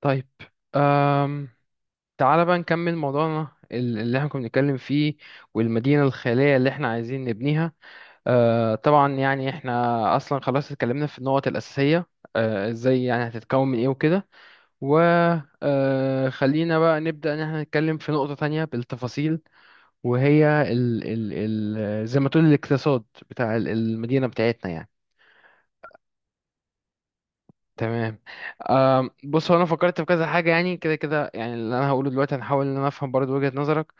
طيب. أم... تعالى بقى نكمل موضوعنا اللي احنا كنا بنتكلم فيه، والمدينة الخيالية اللي احنا عايزين نبنيها. طبعا يعني احنا أصلا خلاص اتكلمنا في النقط الأساسية، ازاي يعني هتتكون من ايه وكده. و خلينا بقى نبدأ ان احنا نتكلم في نقطة تانية بالتفاصيل، وهي زي ما تقول الاقتصاد بتاع المدينة بتاعتنا يعني. تمام. بص، هو انا فكرت في كذا حاجه يعني كده كده، يعني اللي انا هقوله دلوقتي هنحاول ان انا افهم برضو وجهه نظرك،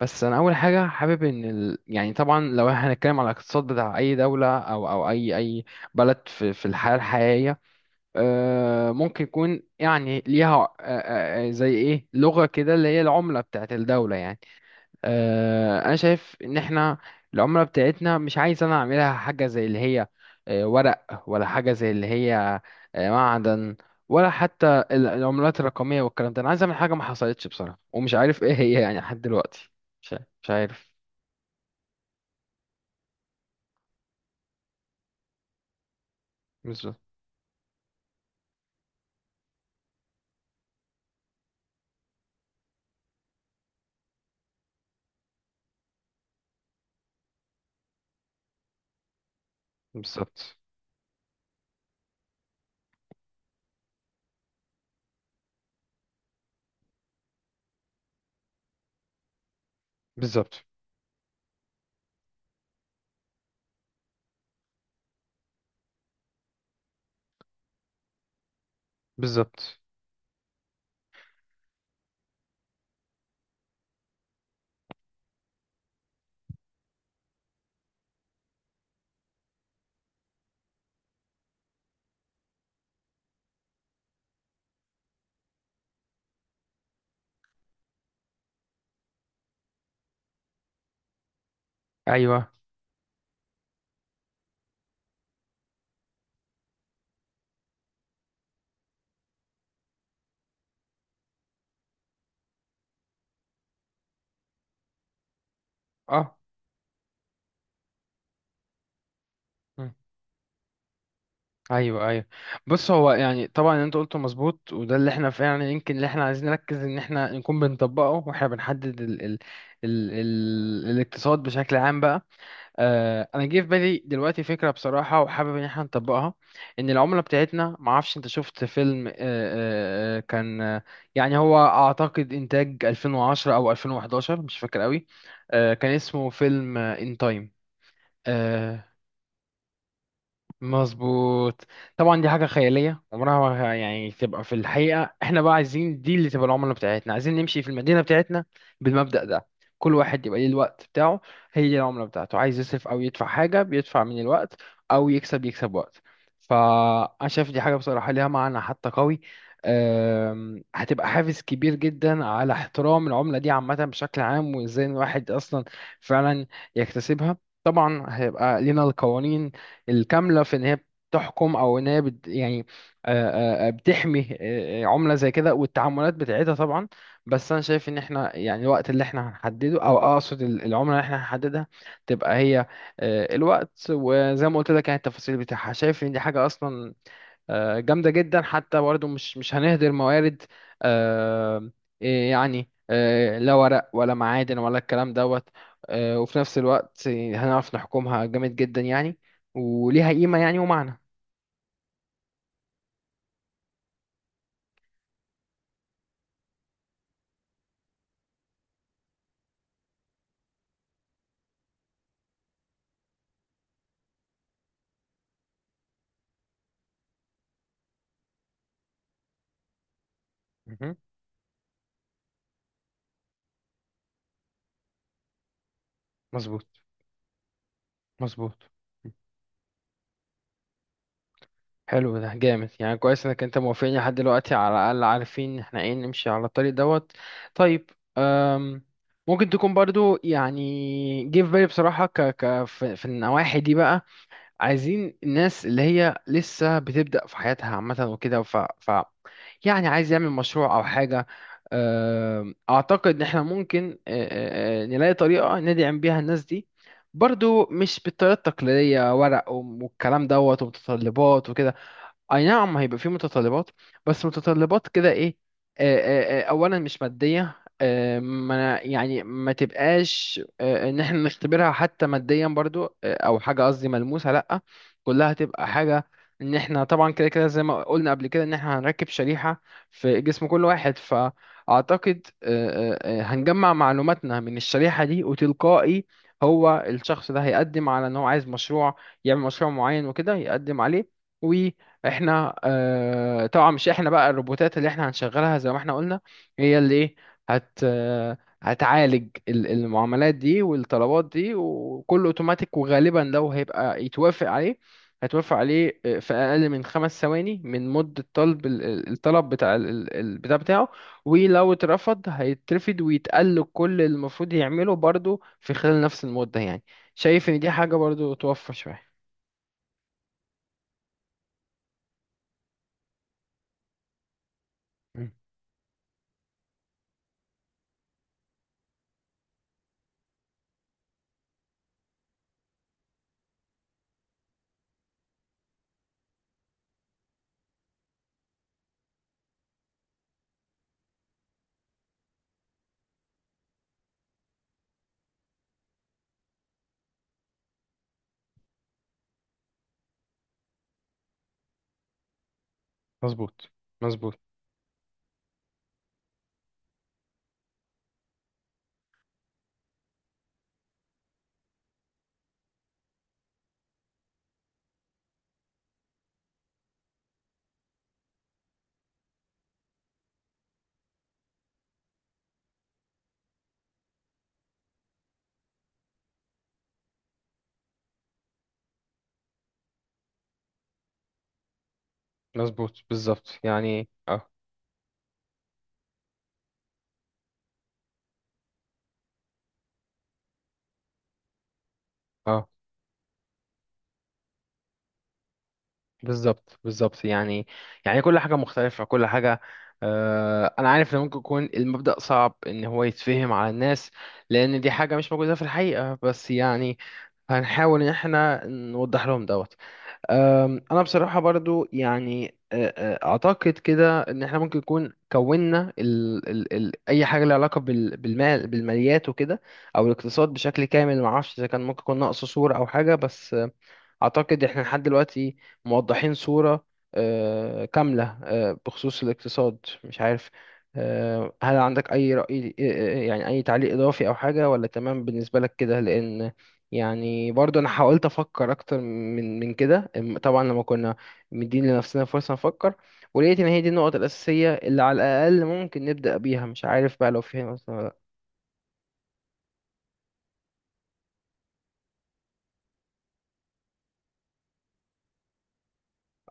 بس انا اول حاجه حابب ان يعني طبعا لو هنتكلم على الاقتصاد بتاع اي دوله او اي بلد في الحياه الحقيقيه، ممكن يكون يعني ليها أه، أه، أه، زي ايه لغه كده اللي هي العمله بتاعت الدوله يعني. انا شايف ان احنا العمله بتاعتنا مش عايز انا اعملها حاجه زي اللي هي ورق، ولا حاجه زي اللي هي معدن، ولا حتى العملات الرقميه والكلام ده. انا عايز اعمل حاجه ما حصلتش بصراحه، ومش عارف ايه هي يعني لحد دلوقتي. مش عارف. بالظبط. بالظبط. بالظبط. بالظبط. ايوه. اه. ايوه. ايوه. بص، هو يعني طبعا اللي انت قلته مظبوط، وده اللي احنا فعلا يعني يمكن اللي احنا عايزين نركز ان احنا نكون بنطبقه، واحنا بنحدد ال الاقتصاد بشكل عام بقى. انا جه في بالي دلوقتي فكره بصراحه وحابب ان احنا نطبقها، ان العمله بتاعتنا، ما اعرفش انت شفت فيلم كان يعني هو اعتقد انتاج 2010 او 2011، مش فاكر قوي، كان اسمه فيلم ان تايم. مظبوط. طبعا دي حاجة خيالية عمرها ما يعني تبقى في الحقيقة، احنا بقى عايزين دي اللي تبقى العملة بتاعتنا، عايزين نمشي في المدينة بتاعتنا بالمبدأ ده. كل واحد يبقى ليه الوقت بتاعه، هي دي العملة بتاعته. عايز يصرف أو يدفع حاجة بيدفع من الوقت، أو يكسب وقت. فأنا شايف دي حاجة بصراحة ليها معنى حتى قوي. هتبقى حافز كبير جدا على احترام العملة دي عامة بشكل عام، وازاي الواحد أصلا فعلا يكتسبها. طبعا هيبقى لينا القوانين الكاملة في إن هي بتحكم، أو إن هي بت يعني بتحمي عملة زي كده والتعاملات بتاعتها طبعا. بس أنا شايف إن إحنا يعني الوقت اللي إحنا هنحدده، أو أقصد العملة اللي إحنا هنحددها، تبقى هي الوقت. وزي ما قلت لك يعني التفاصيل بتاعها، شايف إن دي حاجة أصلا جامدة جدا، حتى برضه مش هنهدر موارد، آه، إيه يعني، لا ورق ولا معادن ولا الكلام دوت. وفي نفس الوقت هنعرف نحكمها جامد جدا يعني، وليها قيمة يعني ومعنى. مهم. مظبوط. مظبوط. حلو، ده جامد يعني. كويس انك انت موافقني لحد دلوقتي، على الاقل عارفين احنا ايه نمشي على الطريق دوت. طيب. أم ممكن تكون برضو، يعني جه في بالي بصراحة، ك ك في النواحي دي بقى، عايزين الناس اللي هي لسه بتبدأ في حياتها عامة وكده، ف يعني عايز يعمل مشروع او حاجة. اعتقد ان احنا ممكن أه، أه، أه، نلاقي طريقة ندعم بيها الناس دي، برضو مش بالطريقة التقليدية ورق والكلام دوت ومتطلبات وكده. اي نعم هيبقى في متطلبات، بس متطلبات كده ايه؟ اولا مش ماديه، ما يعني ما تبقاش ان احنا نختبرها حتى ماديا برضو او حاجه قصدي ملموسه، لا. كلها تبقى حاجه ان احنا طبعا كده كده زي ما قلنا قبل كده ان احنا هنركب شريحه في جسم كل واحد. فاعتقد هنجمع معلوماتنا من الشريحه دي، وتلقائي هو الشخص ده هيقدم على ان هو عايز مشروع، يعمل مشروع معين وكده، يقدم عليه. احنا اه طبعا مش احنا بقى، الروبوتات اللي احنا هنشغلها زي ما احنا قلنا هي اللي ايه، هت آه، هتعالج المعاملات دي والطلبات دي، وكله اوتوماتيك. وغالبا لو هيبقى يتوافق عليه هتوافق عليه في اقل من 5 ثواني من مدة طلب الطلب بتاع البتاع بتاعه. ولو اترفض هيترفض، ويتقل كل اللي المفروض يعمله برضه في خلال نفس المدة يعني. شايف ان دي حاجة برضه توفر شوية. مم. مظبوط. مظبوط. مظبوط. بالظبط يعني. اه. اه. بالظبط. بالظبط يعني. يعني كل حاجة مختلفة، كل حاجة. أنا عارف إن ممكن يكون المبدأ صعب إن هو يتفهم على الناس، لأن دي حاجة مش موجودة في الحقيقة، بس يعني هنحاول إن إحنا نوضح لهم دوت. أنا بصراحة برضو يعني أعتقد كده، إن إحنا ممكن يكون كوننا ال أي حاجة لها علاقة بالمال بالماليات وكده، أو الاقتصاد بشكل كامل، معرفش إذا كان ممكن يكون ناقصه صورة أو حاجة، بس أعتقد إحنا لحد دلوقتي موضحين صورة كاملة بخصوص الاقتصاد. مش عارف، هل عندك أي رأي، يعني أي تعليق إضافي أو حاجة، ولا تمام بالنسبة لك كده؟ لأن يعني برضو أنا حاولت أفكر أكتر من كده، طبعا لما كنا مدين لنفسنا فرصة نفكر، ولقيت إن هي دي النقط الأساسية اللي على الأقل ممكن نبدأ بيها. مش عارف بقى لو في هنا مثلا ولا لأ.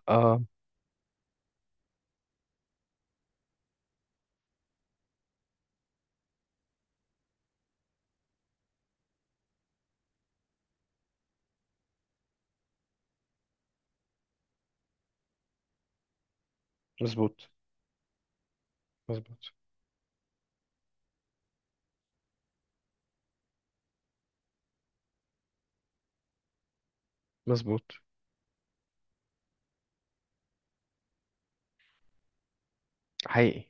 آه. مظبوط. مظبوط. مظبوط. حقيقي.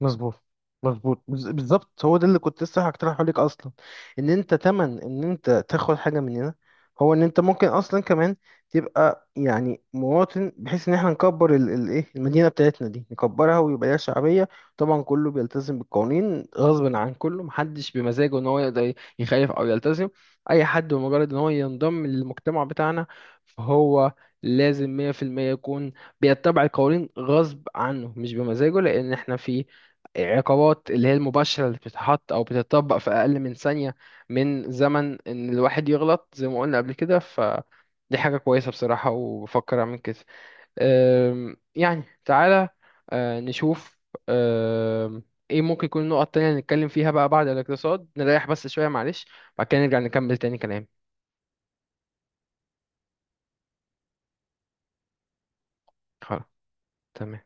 مظبوط. مظبوط، بالظبط، هو ده اللي كنت لسه هقترحه لك اصلا. ان انت تمن ان انت تاخد حاجه مننا هو ان انت ممكن اصلا كمان تبقى يعني مواطن، بحيث ان احنا نكبر ايه المدينه بتاعتنا دي، نكبرها ويبقى ليها شعبيه. طبعا كله بيلتزم بالقوانين غصب عن كله، محدش بمزاجه ان هو يقدر يخالف او يلتزم. اي حد بمجرد ان هو ينضم للمجتمع بتاعنا فهو لازم 100% يكون بيتبع القوانين غصب عنه مش بمزاجه، لان احنا في عقابات اللي هي المباشرة اللي بتتحط أو بتتطبق في أقل من ثانية من زمن إن الواحد يغلط زي ما قلنا قبل كده. فدي حاجة كويسة بصراحة، وبفكر أعمل كده. يعني تعالى نشوف أم، إيه ممكن يكون النقط التانية اللي نتكلم فيها بقى بعد الاقتصاد. نريح بس شوية معلش، بعد كده نرجع نكمل تاني كلام. خلاص. تمام.